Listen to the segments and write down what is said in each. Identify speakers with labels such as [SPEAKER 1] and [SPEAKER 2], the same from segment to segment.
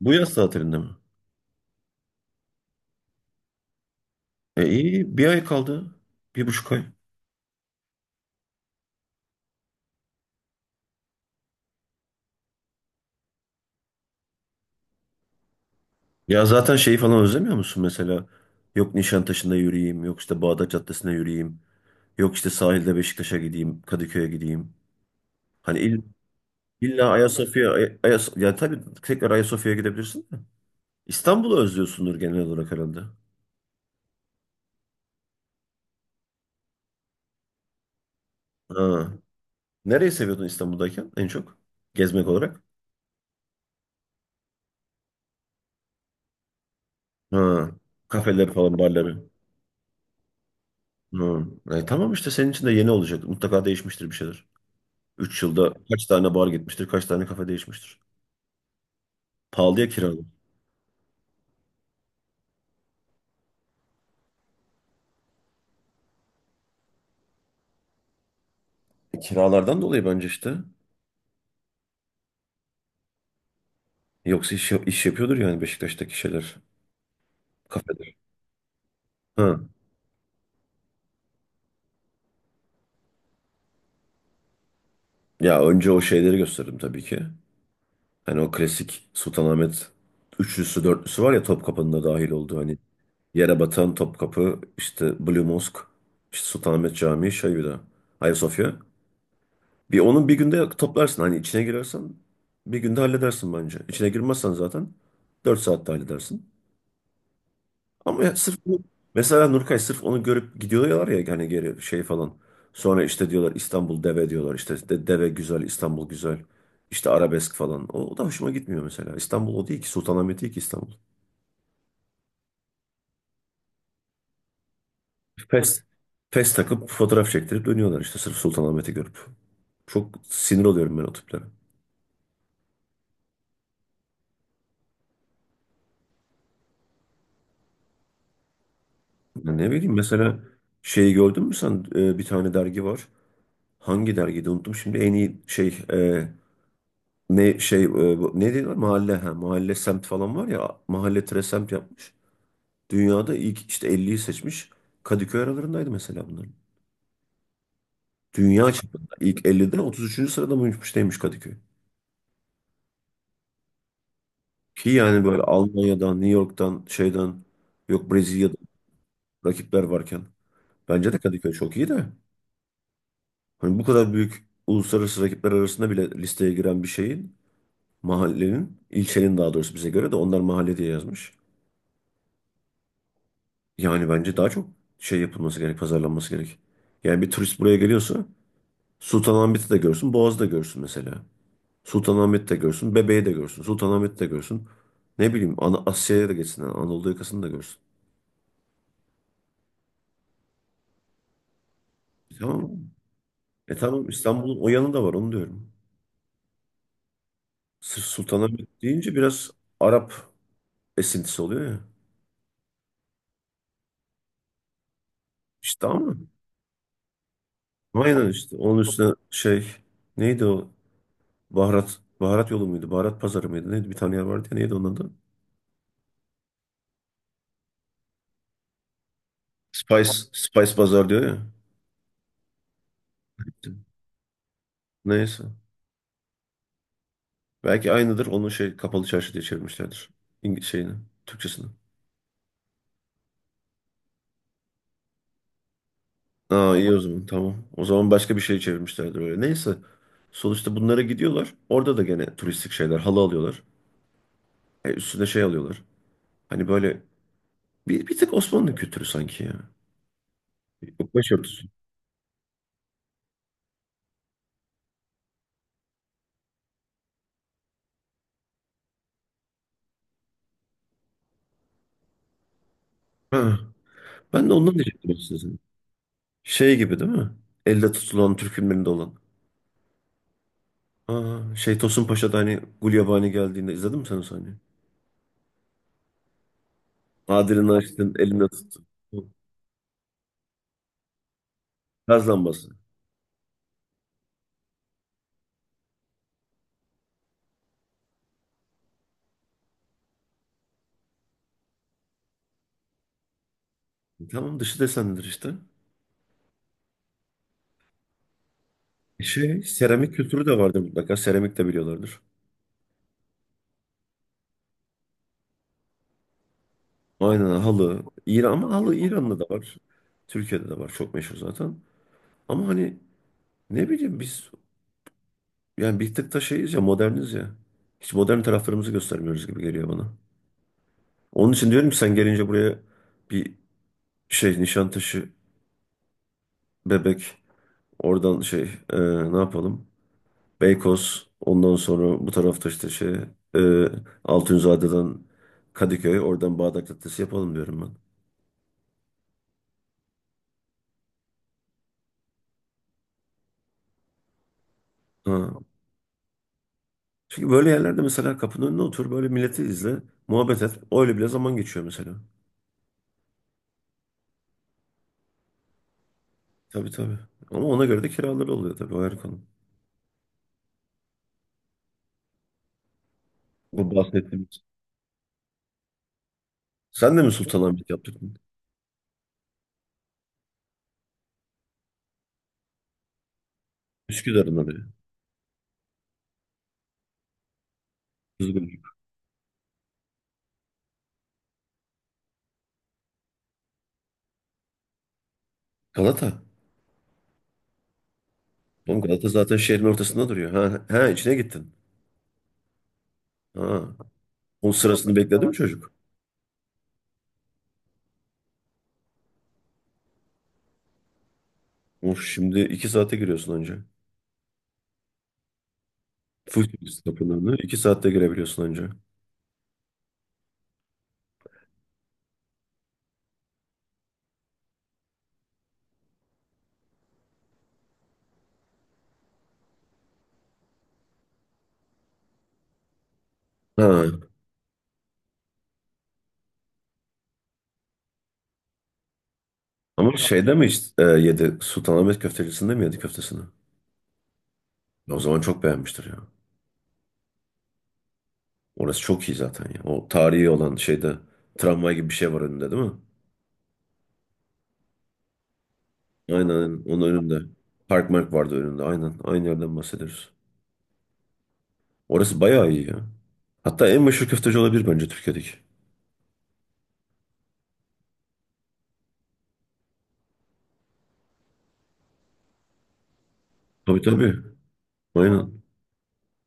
[SPEAKER 1] Bu yaz tatilinde mi? E iyi bir ay kaldı. Bir buçuk ay. Ya zaten şeyi falan özlemiyor musun mesela? Yok Nişantaşı'nda yürüyeyim. Yok işte Bağdat caddesine yürüyeyim. Yok işte sahilde Beşiktaş'a gideyim. Kadıköy'e gideyim. Hani il, illa Ayasofya. Ay, ya tabii tekrar Ayasofya'ya gidebilirsin de. İstanbul'u özlüyorsundur genel olarak herhalde. Ha. Nereyi seviyordun İstanbul'dayken en çok? Gezmek olarak. Ha. Kafeler falan, barları. Ha. Tamam işte senin için de yeni olacak. Mutlaka değişmiştir bir şeyler. 3 yılda kaç tane bar gitmiştir, kaç tane kafe değişmiştir. Pahalıya kiralı. Kiralardan dolayı bence işte. Yoksa iş yapıyordur yani Beşiktaş'taki şeyler, kafeler. Ha. Ya önce o şeyleri gösterdim tabii ki. Hani o klasik Sultanahmet üçlüsü, dörtlüsü var ya Topkapı'nın da dahil olduğu hani. Yere batan Topkapı, işte Blue Mosque, işte Sultanahmet Camii, şey bir de Ayasofya. Bir onun bir günde toplarsın. Hani içine girersen bir günde halledersin bence. İçine girmezsen zaten 4 saatte halledersin. Ama ya sırf mesela Nurkay sırf onu görüp gidiyorlar ya hani geri şey falan. Sonra işte diyorlar İstanbul deve diyorlar. İşte deve güzel, İstanbul güzel. İşte arabesk falan. O da hoşuma gitmiyor mesela. İstanbul o değil ki. Sultanahmet değil ki İstanbul. Pes. Pes takıp fotoğraf çektirip dönüyorlar işte sırf Sultanahmet'i görüp. Çok sinir oluyorum ben o tiplere. Ya ne bileyim mesela şeyi gördün mü sen? Bir tane dergi var. Hangi dergiydi unuttum şimdi. En iyi şey ne şey ne diyorlar mahalle ha mahalle semt falan var ya mahalle tire semt yapmış. Dünyada ilk işte elliyi seçmiş. Kadıköy aralarındaydı mesela bunların. Dünya çapında ilk 50'de 33. sırada mıymış neymiş Kadıköy. Ki yani böyle Almanya'dan, New York'tan, şeyden yok Brezilya'dan rakipler varken bence de Kadıköy çok iyi de. Hani bu kadar büyük uluslararası rakipler arasında bile listeye giren bir şeyin mahallenin, ilçenin daha doğrusu bize göre de onlar mahalle diye yazmış. Yani bence daha çok şey yapılması gerek, pazarlanması gerek. Yani bir turist buraya geliyorsa Sultanahmet'i de görsün, Boğaz'ı da görsün mesela. Sultanahmet'i de görsün, Bebeği de görsün, Sultanahmet'i de görsün. Ne bileyim Ana Asya'ya da geçsin, yani Anadolu yakasını da görsün. E tamam. mı? E tamam İstanbul'un o yanı da var onu diyorum. Sırf Sultanahmet deyince biraz Arap esintisi oluyor ya. İşte ama aynen işte onun üstüne şey neydi o baharat yolu muydu baharat pazarı mıydı neydi bir tane yer vardı ya neydi onun adı? Spice, Spice Bazar diyor ya. Gittim. Neyse. Belki aynıdır. Onun şey kapalı çarşı diye çevirmişlerdir. İng şeyini, Türkçesini. Aa iyi o zaman tamam. O zaman başka bir şey çevirmişlerdir öyle. Neyse. Sonuçta bunlara gidiyorlar. Orada da gene turistik şeyler. Halı alıyorlar. Üstüne şey alıyorlar. Hani böyle bir tık Osmanlı kültürü sanki ya. Yok başörtüsü. Ha. Ben de ondan diyecektim size. Şey gibi değil mi? Elde tutulan Türk filmlerinde olan. Aa, şey Tosun Paşa'da hani Gulyabani geldiğinde izledin mi sen o sahneyi? Adilini açtın, eline tuttun. Gaz lambası. E tamam dışı desendir işte. E şey, seramik kültürü de vardır mutlaka. Seramik de biliyorlardır. Aynen halı. İran, ama halı İran'da da var. Türkiye'de de var. Çok meşhur zaten. Ama hani ne bileyim biz yani bir tık da şeyiz ya moderniz ya. Hiç modern taraflarımızı göstermiyoruz gibi geliyor bana. Onun için diyorum ki sen gelince buraya bir şey Nişantaşı, Bebek oradan şey e, ne yapalım? Beykoz. Ondan sonra bu tarafta işte şey e, Altunzade'den Kadıköy. Oradan Bağdat Caddesi yapalım diyorum ben. Ha. Çünkü böyle yerlerde mesela kapının önüne otur. Böyle milleti izle. Muhabbet et. Öyle bile zaman geçiyor mesela. Tabii tabii. Ama ona göre de kiraları oluyor tabii. O ayrı konu. Bu bahsettiğimiz. Sen de mi Sultanahmet yaptırdın? Üsküdar'ın oraya. Kızgın. Galata. Oğlum Galata zaten şehrin ortasında duruyor. Ha, ha içine gittin. Ha. Onun sırasını bekledi mi çocuk? Of şimdi iki saate giriyorsun önce. Full servis Tapınağı'na. İki saatte girebiliyorsun önce. Ha. Ama şeyde mi işte, yedi? Sultanahmet köftecisinde mi yedi köftesini? Ya o zaman çok beğenmiştir ya. Orası çok iyi zaten ya. O tarihi olan şeyde tramvay gibi bir şey var önünde değil mi? Aynen aynen. Onun önünde. Park Mark vardı önünde. Aynen. Aynı yerden bahsediyoruz. Orası bayağı iyi ya. Hatta en meşhur köfteci olabilir bence Türkiye'deki. Tabii tabii. Aynen.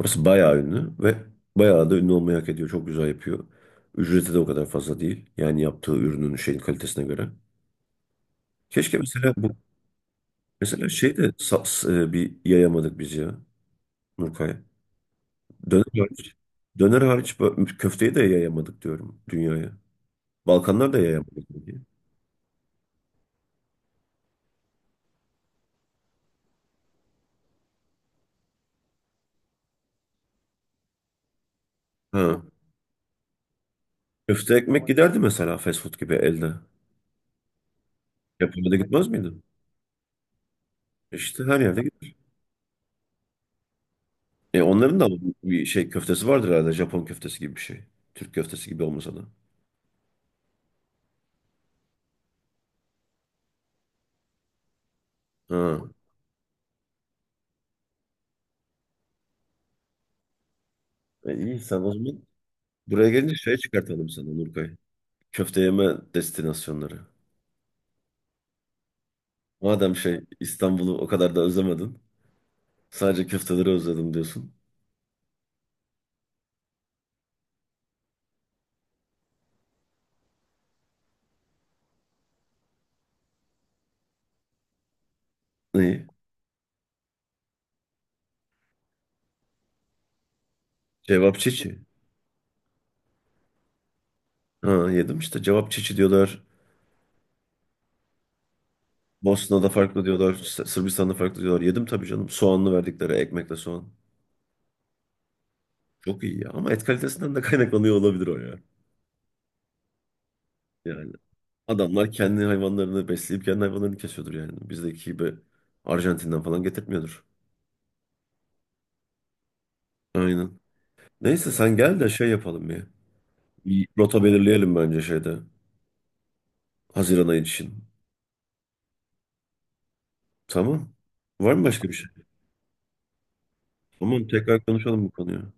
[SPEAKER 1] Burası bayağı ünlü ve bayağı da ünlü olmayı hak ediyor. Çok güzel yapıyor. Ücreti de o kadar fazla değil. Yani yaptığı ürünün şeyin kalitesine göre. Keşke mesela bu mesela şey de bir yayamadık biz ya Nurkay. Döner hariç, döner hariç köfteyi de yayamadık diyorum dünyaya. Balkanlar da yayamadık. Diye. Ha. Köfte ekmek giderdi mesela fast food gibi elde. Japonya'da gitmez miydi? İşte her yerde gider. E onların da bir şey köftesi vardır herhalde. Japon köftesi gibi bir şey. Türk köftesi gibi olmasa da. Ha. İyi sen o zaman buraya gelince şey çıkartalım sana Nurkay. Köfte yeme destinasyonları. Madem şey İstanbul'u o kadar da özlemedin. Sadece köfteleri özledim diyorsun. Neyi? Cevap çiçi. Ha yedim işte. Cevap çiçi diyorlar. Bosna'da farklı diyorlar. Sırbistan'da farklı diyorlar. Yedim tabii canım. Soğanlı verdikleri ekmekle soğan. Çok iyi ya. Ama et kalitesinden de kaynaklanıyor olabilir o ya. Yani adamlar kendi hayvanlarını besleyip kendi hayvanlarını kesiyordur yani. Bizdeki gibi Arjantin'den falan getirtmiyordur. Aynen. Neyse sen gel de şey yapalım ya. Bir rota belirleyelim bence şeyde. Haziran ayı için. Tamam. Var mı başka bir şey? Tamam tekrar konuşalım bu konuyu.